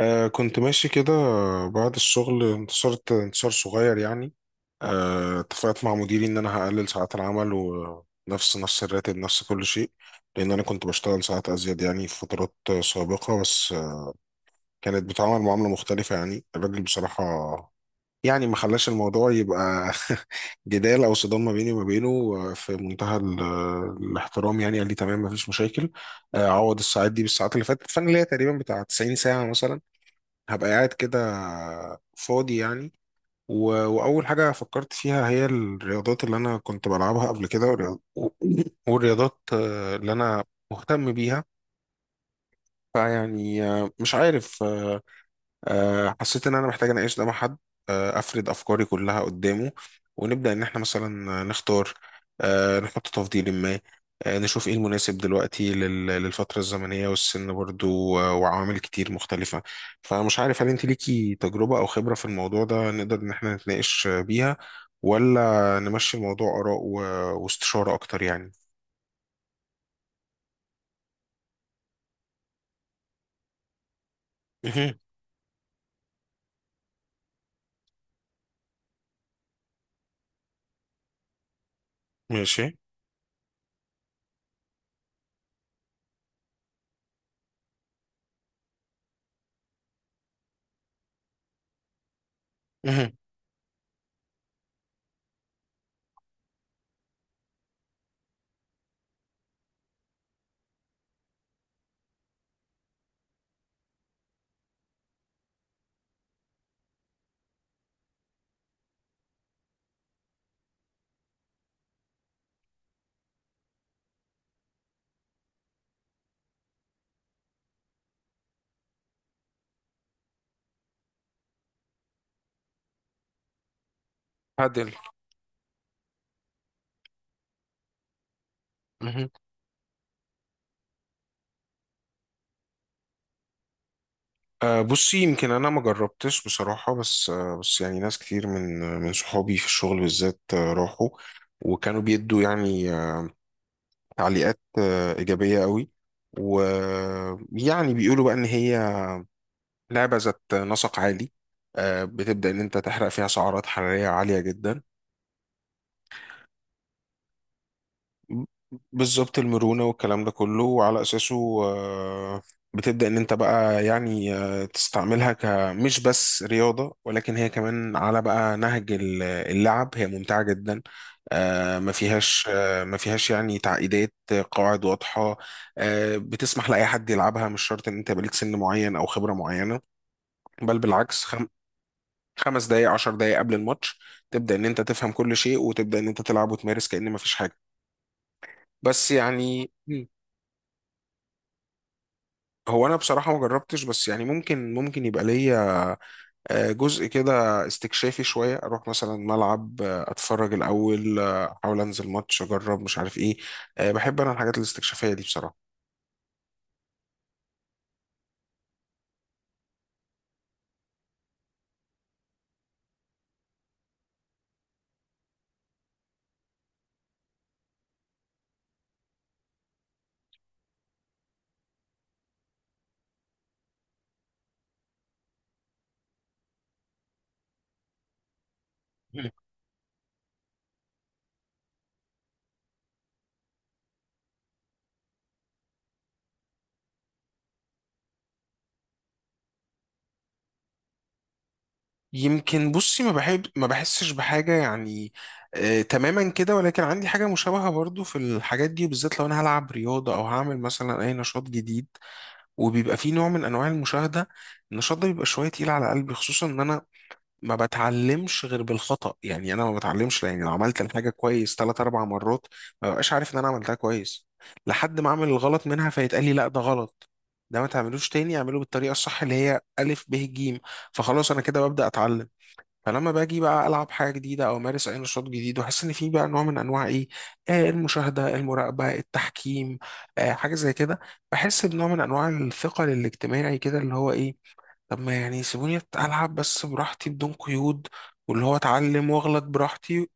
كنت ماشي كده. بعد الشغل انتشرت انتشار صغير يعني. اتفقت مع مديري ان انا هقلل ساعات العمل، ونفس نفس الراتب، نفس كل شيء، لان انا كنت بشتغل ساعات ازيد يعني في فترات سابقة. بس كانت بتعامل معاملة مختلفة يعني الراجل بصراحة. يعني ما خلاش الموضوع يبقى جدال او صدام ما بيني وما بينه. في منتهى الاحترام يعني. قال لي تمام، ما فيش مشاكل. عوض الساعات دي بالساعات اللي فاتت، فانا ليا تقريبا بتاع 90 ساعة مثلا هبقى قاعد كده فاضي يعني. و... وأول حاجة فكرت فيها هي الرياضات اللي أنا كنت بلعبها قبل كده، والرياضات اللي أنا مهتم بيها. فيعني آه، مش عارف آه، آه، حسيت ان انا محتاج اناقش ده مع حد، افرد افكاري كلها قدامه، ونبدا ان احنا مثلا نختار، نحط تفضيل ما، نشوف ايه المناسب دلوقتي للفتره الزمنيه والسن برضو، وعوامل كتير مختلفه. فمش عارف هل انت ليكي تجربه او خبره في الموضوع ده نقدر ان احنا نتناقش بيها، ولا نمشي الموضوع اراء واستشاره اكتر يعني. مهم. ماشي. مهم. عدل. أه بصي، يمكن انا ما جربتش بصراحه، بس أه بس يعني ناس كتير من صحابي في الشغل بالذات راحوا وكانوا بيدوا يعني تعليقات ايجابيه قوي، ويعني بيقولوا بقى ان هي لعبه ذات نسق عالي. أه بتبدا ان انت تحرق فيها سعرات حراريه عاليه جدا، بالظبط المرونة والكلام ده كله. وعلى أساسه آه، بتبدأ إن أنت بقى يعني تستعملها كمش بس رياضة، ولكن هي كمان على بقى نهج اللعب هي ممتعة جدا. ما فيهاش يعني تعقيدات، قواعد واضحة، بتسمح لأي حد يلعبها، مش شرط إن أنت بليك سن معين أو خبرة معينة، بل بالعكس. 5 دقايق، 10 دقايق قبل الماتش تبدأ إن أنت تفهم كل شيء، وتبدأ إن أنت تلعب وتمارس كأن مفيش حاجة. بس يعني هو انا بصراحه ما جربتش، بس يعني ممكن يبقى ليا جزء كده استكشافي شويه. اروح مثلا ملعب، اتفرج الاول، احاول انزل ماتش، اجرب مش عارف ايه. بحب انا الحاجات الاستكشافيه دي بصراحه. مم. يمكن بصي ما بحب ما بحسش بحاجه يعني تماما كده، ولكن عندي حاجه مشابهه برضو في الحاجات دي. بالذات لو انا هلعب رياضه او هعمل مثلا اي نشاط جديد وبيبقى فيه نوع من انواع المشاهده، النشاط ده بيبقى شويه تقيل على قلبي. خصوصا ان انا ما بتعلمش غير بالخطأ يعني. انا ما بتعلمش يعني لو عملت الحاجة كويس ثلاث اربع مرات ما ببقاش عارف ان انا عملتها كويس، لحد ما اعمل الغلط منها فيتقال لي لا، ده غلط، ده ما تعملوش تاني، اعمله بالطريقة الصح اللي هي ألف ب ج. فخلاص انا كده ببدأ اتعلم. فلما باجي بقى العب حاجه جديده، او امارس اي نشاط جديد، واحس ان في بقى نوع من انواع ايه، آه، المشاهده، المراقبه، التحكيم، آه حاجه زي كده، بحس بنوع من انواع الثقل الاجتماعي كده، اللي هو ايه، طب ما يعني سيبوني ألعب بس براحتي بدون قيود، واللي هو أتعلم وأغلط براحتي،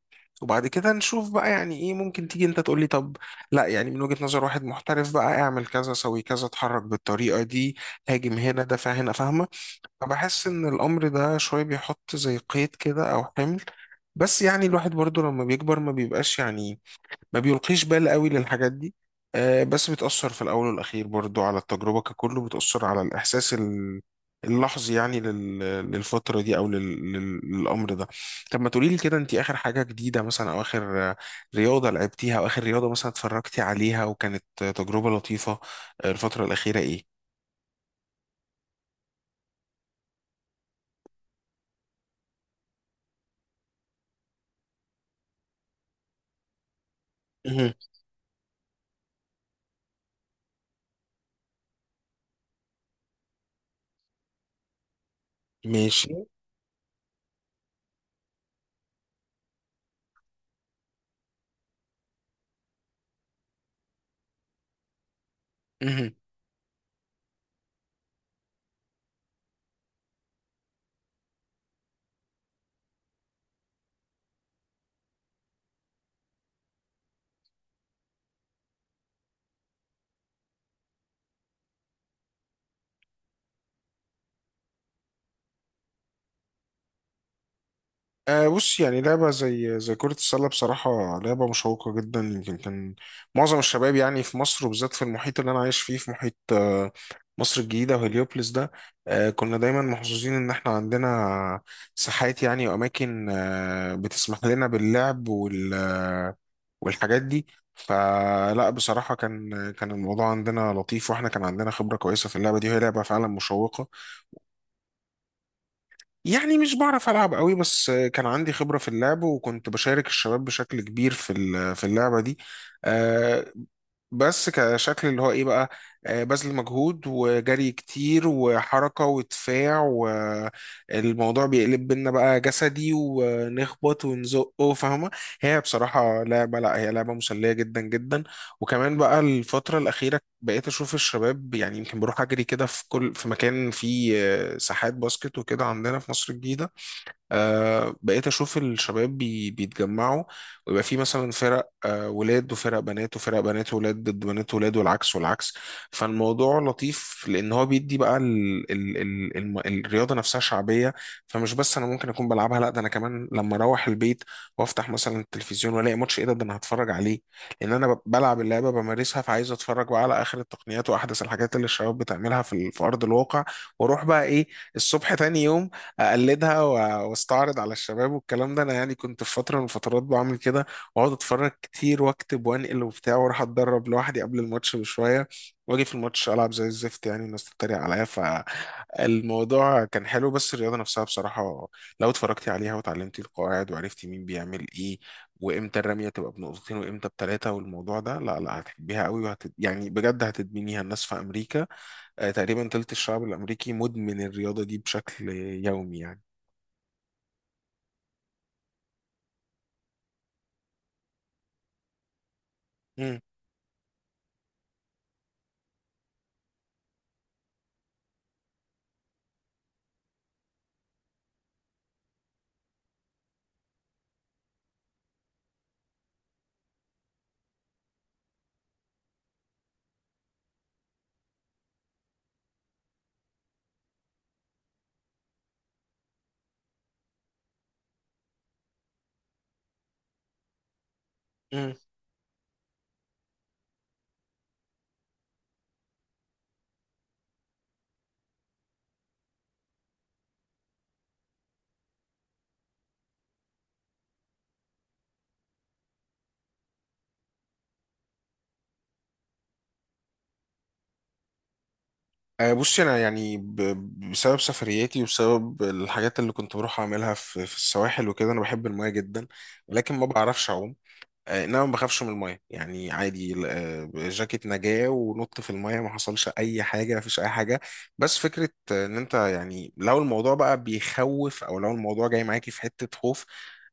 وبعد كده نشوف بقى يعني إيه. ممكن تيجي أنت تقولي طب لا، يعني من وجهة نظر واحد محترف بقى، اعمل كذا، سوي كذا، اتحرك بالطريقة دي، هاجم هنا، دافع هنا، فاهمة؟ فبحس إن الأمر ده شوية بيحط زي قيد كده أو حمل. بس يعني الواحد برضو لما بيكبر ما بيبقاش يعني ما بيلقيش بال قوي للحاجات دي، بس بتأثر في الأول والأخير برضو على التجربة ككل. بتأثر على الإحساس اللحظي يعني، للفترة دي، أو للأمر ده. طب ما تقولي لي كده، أنت آخر حاجة جديدة مثلا، أو آخر رياضة لعبتيها، أو آخر رياضة مثلا اتفرجتي عليها وكانت تجربة لطيفة الفترة الأخيرة، إيه؟ مهم. ماشي. مهم. آه بص، يعني لعبة زي كرة السلة بصراحة لعبة مشوقة جدا. يمكن كان معظم الشباب يعني في مصر، وبالذات في المحيط اللي أنا عايش فيه في محيط مصر الجديدة وهليوبلس ده، آه كنا دايما محظوظين إن إحنا عندنا ساحات يعني، وأماكن بتسمح لنا باللعب وال والحاجات دي. فلا بصراحة كان الموضوع عندنا لطيف، وإحنا كان عندنا خبرة كويسة في اللعبة دي، وهي لعبة فعلا مشوقة. يعني مش بعرف ألعب قوي، بس كان عندي خبرة في اللعب، وكنت بشارك الشباب بشكل كبير في في اللعبة دي. آه، بس كشكل اللي هو ايه بقى، بذل مجهود وجري كتير وحركة ودفاع، والموضوع بيقلب بينا بقى جسدي ونخبط ونزقه، فاهمة؟ هي بصراحة لعبة، لا هي لعبة مسلية جدا جدا. وكمان بقى الفترة الأخيرة بقيت أشوف الشباب يعني، يمكن بروح أجري كده في كل في مكان فيه ساحات باسكت وكده عندنا في مصر الجديدة. آه بقيت اشوف الشباب بيتجمعوا، ويبقى في مثلا فرق ولاد، وفرق بنات، وفرق بنات وولاد ضد بنات وولاد، والعكس والعكس. فالموضوع لطيف، لان هو بيدي بقى الرياضه نفسها شعبيه. فمش بس انا ممكن اكون بلعبها، لا ده انا كمان لما اروح البيت وافتح مثلا التلفزيون والاقي ماتش ايه ده انا هتفرج عليه، لان انا بلعب اللعبه بمارسها. فعايز اتفرج بقى على اخر التقنيات واحدث الحاجات اللي الشباب بتعملها في في ارض الواقع. واروح بقى ايه الصبح تاني يوم اقلدها واستعرض على الشباب. والكلام ده انا يعني كنت في فتره من الفترات بعمل كده، واقعد اتفرج كتير واكتب وانقل وبتاع، واروح اتدرب لوحدي قبل الماتش بشويه، واجي في الماتش العب زي الزفت يعني، والناس تتريق عليا. فالموضوع كان حلو. بس الرياضه نفسها بصراحه لو اتفرجتي عليها وتعلمتي القواعد، وعرفتي مين بيعمل ايه، وامتى الرميه تبقى بنقطتين، وامتى بثلاثه، والموضوع ده، لا هتحبيها قوي، يعني بجد هتدمنيها. الناس في امريكا تقريبا تلت الشعب الامريكي مدمن الرياضه دي بشكل يومي يعني. مم. مم. بصي انا يعني بسبب سفرياتي، وبسبب الحاجات اللي كنت بروح اعملها في في السواحل وكده، انا بحب المايه جدا، ولكن ما بعرفش اعوم. انما ما بخافش من المايه يعني عادي. جاكيت نجاة ونط في المايه، ما حصلش اي حاجه، ما فيش اي حاجه. بس فكره ان انت يعني لو الموضوع بقى بيخوف، او لو الموضوع جاي معاكي في حته خوف،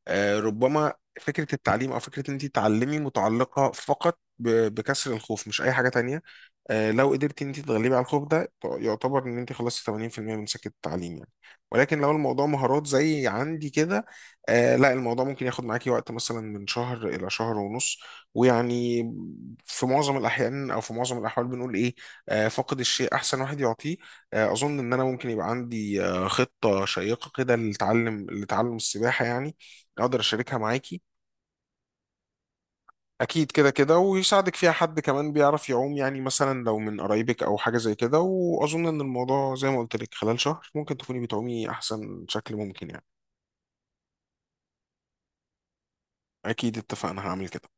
ربما فكره التعليم او فكره ان انت تعلمي متعلقه فقط بكسر الخوف، مش اي حاجه تانية. لو قدرتي ان انت تتغلبي على الخوف ده، يعتبر ان انت خلصتي 80% من سكه التعليم يعني. ولكن لو الموضوع مهارات زي عندي كده، آه لا الموضوع ممكن ياخد معاكي وقت مثلا من شهر إلى شهر ونص. ويعني في معظم الأحيان أو في معظم الأحوال بنقول إيه، فاقد الشيء أحسن واحد يعطيه. أظن إن أنا ممكن يبقى عندي خطة شيقة كده لتعلم السباحة يعني، أقدر أشاركها معاكي. أكيد كده ويساعدك فيها حد كمان بيعرف يعوم يعني، مثلا لو من قرايبك أو حاجة زي كده. وأظن إن الموضوع زي ما قلت لك خلال شهر ممكن تكوني بتعومي أحسن شكل ممكن يعني. أكيد اتفقنا، هعمل كده.